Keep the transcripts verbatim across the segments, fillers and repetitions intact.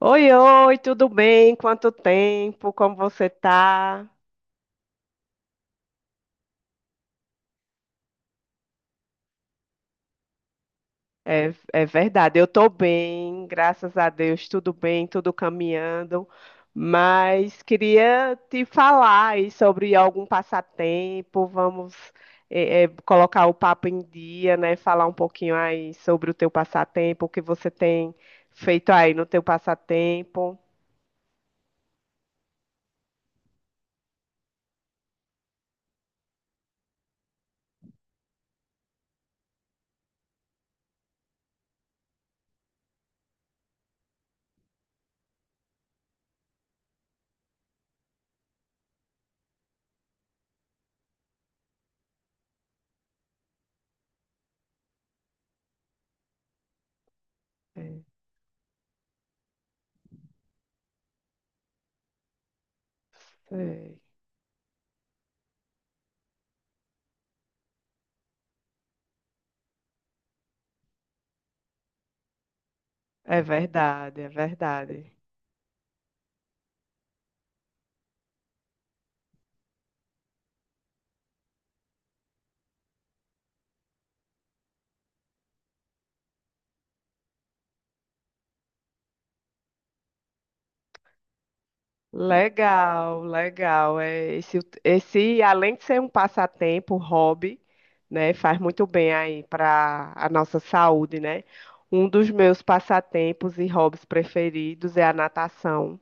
Oi, oi, tudo bem? Quanto tempo? Como você tá? É, é verdade, eu tô bem, graças a Deus, tudo bem, tudo caminhando. Mas queria te falar aí sobre algum passatempo. Vamos, é, é, colocar o papo em dia, né? Falar um pouquinho aí sobre o teu passatempo, o que você tem feito aí no teu passatempo. É, sei. É verdade, é verdade. Legal, legal. É, esse, esse, além de ser um passatempo, um hobby, né, faz muito bem aí para a nossa saúde, né? Um dos meus passatempos e hobbies preferidos é a natação.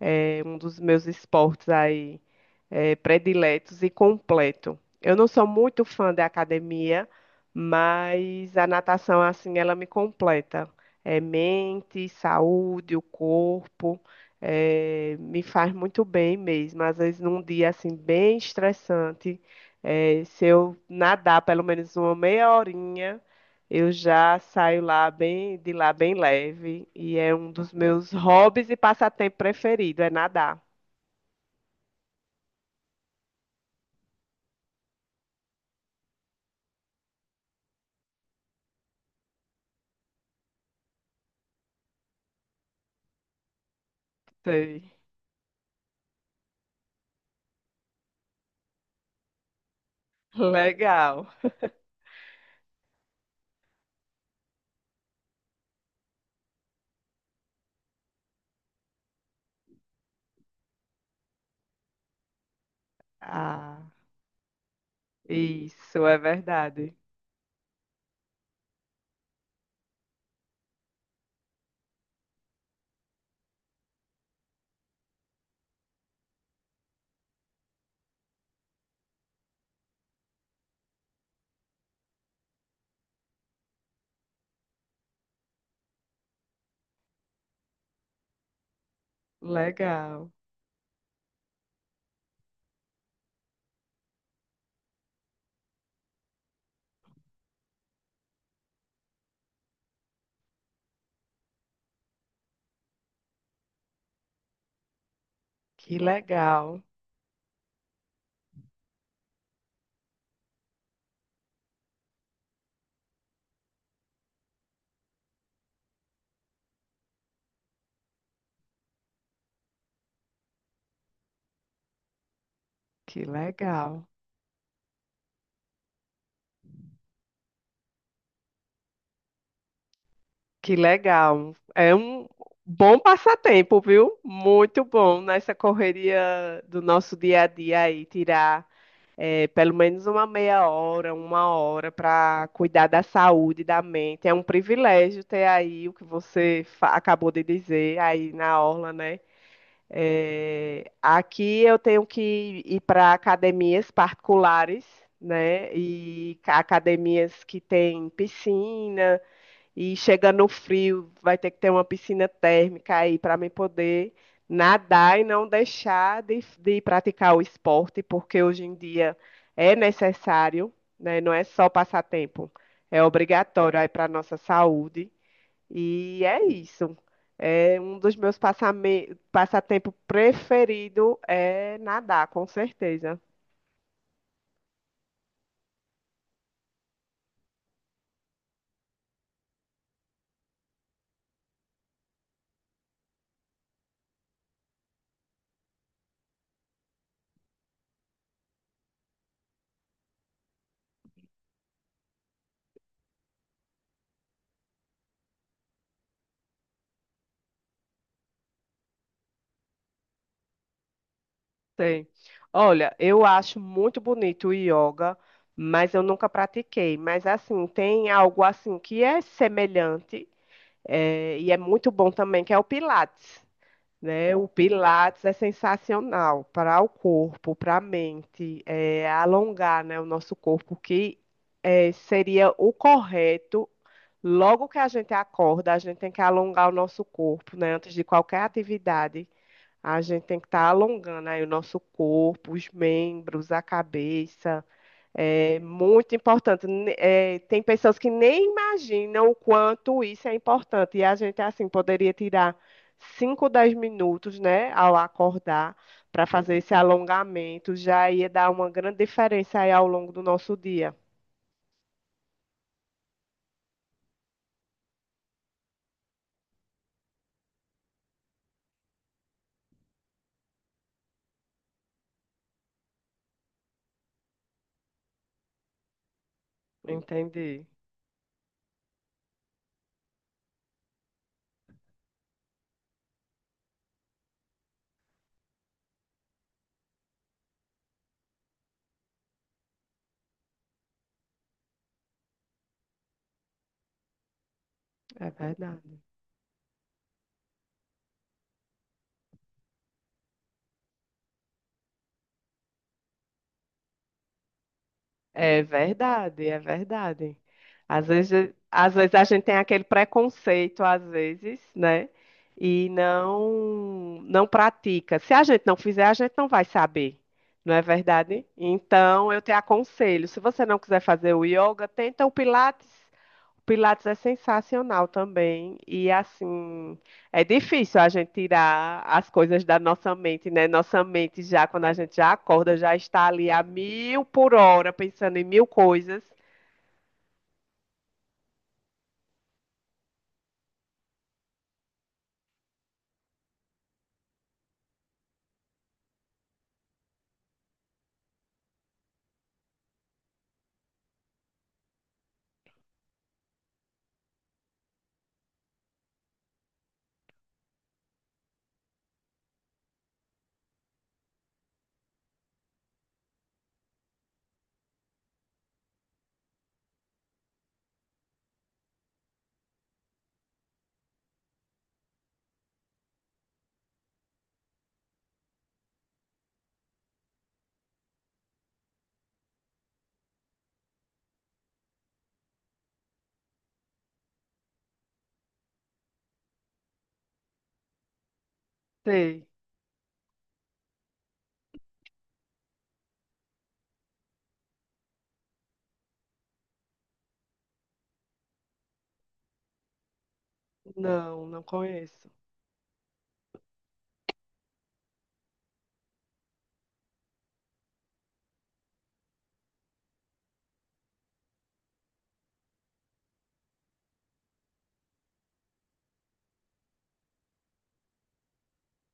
É um dos meus esportes aí eh, prediletos e completo. Eu não sou muito fã da academia, mas a natação, assim, ela me completa. É mente, saúde, o corpo, eh, me faz muito bem mesmo. Às vezes, num dia, assim, bem estressante, eh, se eu nadar pelo menos uma meia horinha, eu já saio lá bem, de lá bem leve. E é um dos meus hobbies e passatempo preferido, é nadar. Sei. Legal. Ah, isso é verdade. Legal. Que legal. Que legal. Que legal. É um bom passatempo, viu? Muito bom nessa correria do nosso dia a dia aí, tirar eh, pelo menos uma meia hora, uma hora para cuidar da saúde da mente. É um privilégio ter aí o que você fa- acabou de dizer aí na orla, né? É, aqui eu tenho que ir para academias particulares, né? E ca- academias que tem piscina, e chegando no frio, vai ter que ter uma piscina térmica aí para me poder nadar e não deixar de, de praticar o esporte, porque hoje em dia é necessário, né? Não é só passatempo, é obrigatório aí para a nossa saúde. E é isso. É um dos meus passame- passatempo preferido é nadar, com certeza. Tem. Olha, eu acho muito bonito o yoga, mas eu nunca pratiquei. Mas assim, tem algo assim que é semelhante, é, e é muito bom também, que é o Pilates. Né? O Pilates é sensacional para o corpo, para a mente, é, alongar, né, o nosso corpo, que é, seria o correto. Logo que a gente acorda, a gente tem que alongar o nosso corpo, né? Antes de qualquer atividade, a gente tem que estar alongando aí o nosso corpo, os membros, a cabeça. É muito importante. Ne- é, tem pessoas que nem imaginam o quanto isso é importante. E a gente, assim, poderia tirar cinco, dez minutos, né, ao acordar, para fazer esse alongamento. Já ia dar uma grande diferença aí ao longo do nosso dia. Entendi. É verdade. É verdade, é verdade. Às vezes, às vezes a gente tem aquele preconceito, às vezes, né? E não não pratica. Se a gente não fizer, a gente não vai saber, não é verdade? Então, eu te aconselho, se você não quiser fazer o yoga, tenta o Pilates. Pilates é sensacional também. E assim, é difícil a gente tirar as coisas da nossa mente, né? Nossa mente já, quando a gente já acorda, já está ali a mil por hora, pensando em mil coisas. Sei. Não, não conheço.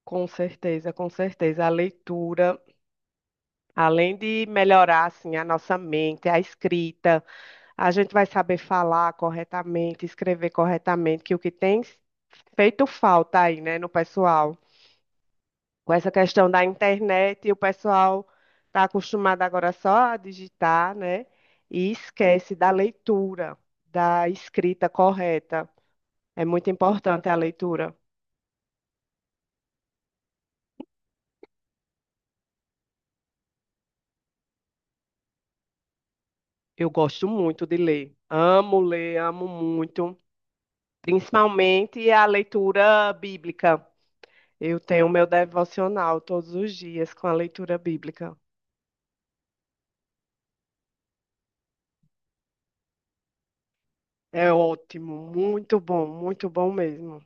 Com certeza, com certeza. A leitura, além de melhorar assim a nossa mente, a escrita, a gente vai saber falar corretamente, escrever corretamente, que o que tem feito falta aí, né, no pessoal. Com essa questão da internet, e o pessoal está acostumado agora só a digitar, né? E esquece da leitura, da escrita correta. É muito importante a leitura. Eu gosto muito de ler. Amo ler, amo muito. Principalmente a leitura bíblica. Eu tenho meu devocional todos os dias com a leitura bíblica. É ótimo, muito bom, muito bom mesmo.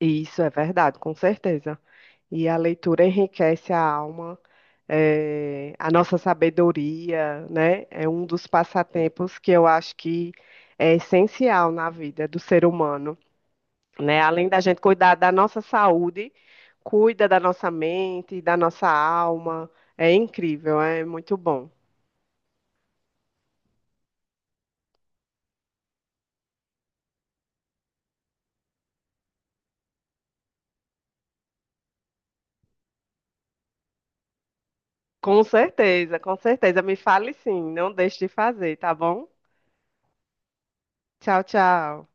E isso é verdade, com certeza. E a leitura enriquece a alma, eh, a nossa sabedoria, né? É um dos passatempos que eu acho que é essencial na vida do ser humano, né? Além da gente cuidar da nossa saúde, cuida da nossa mente, da nossa alma. É incrível, é muito bom. Com certeza, com certeza. Me fale sim, não deixe de fazer, tá bom? Tchau, tchau.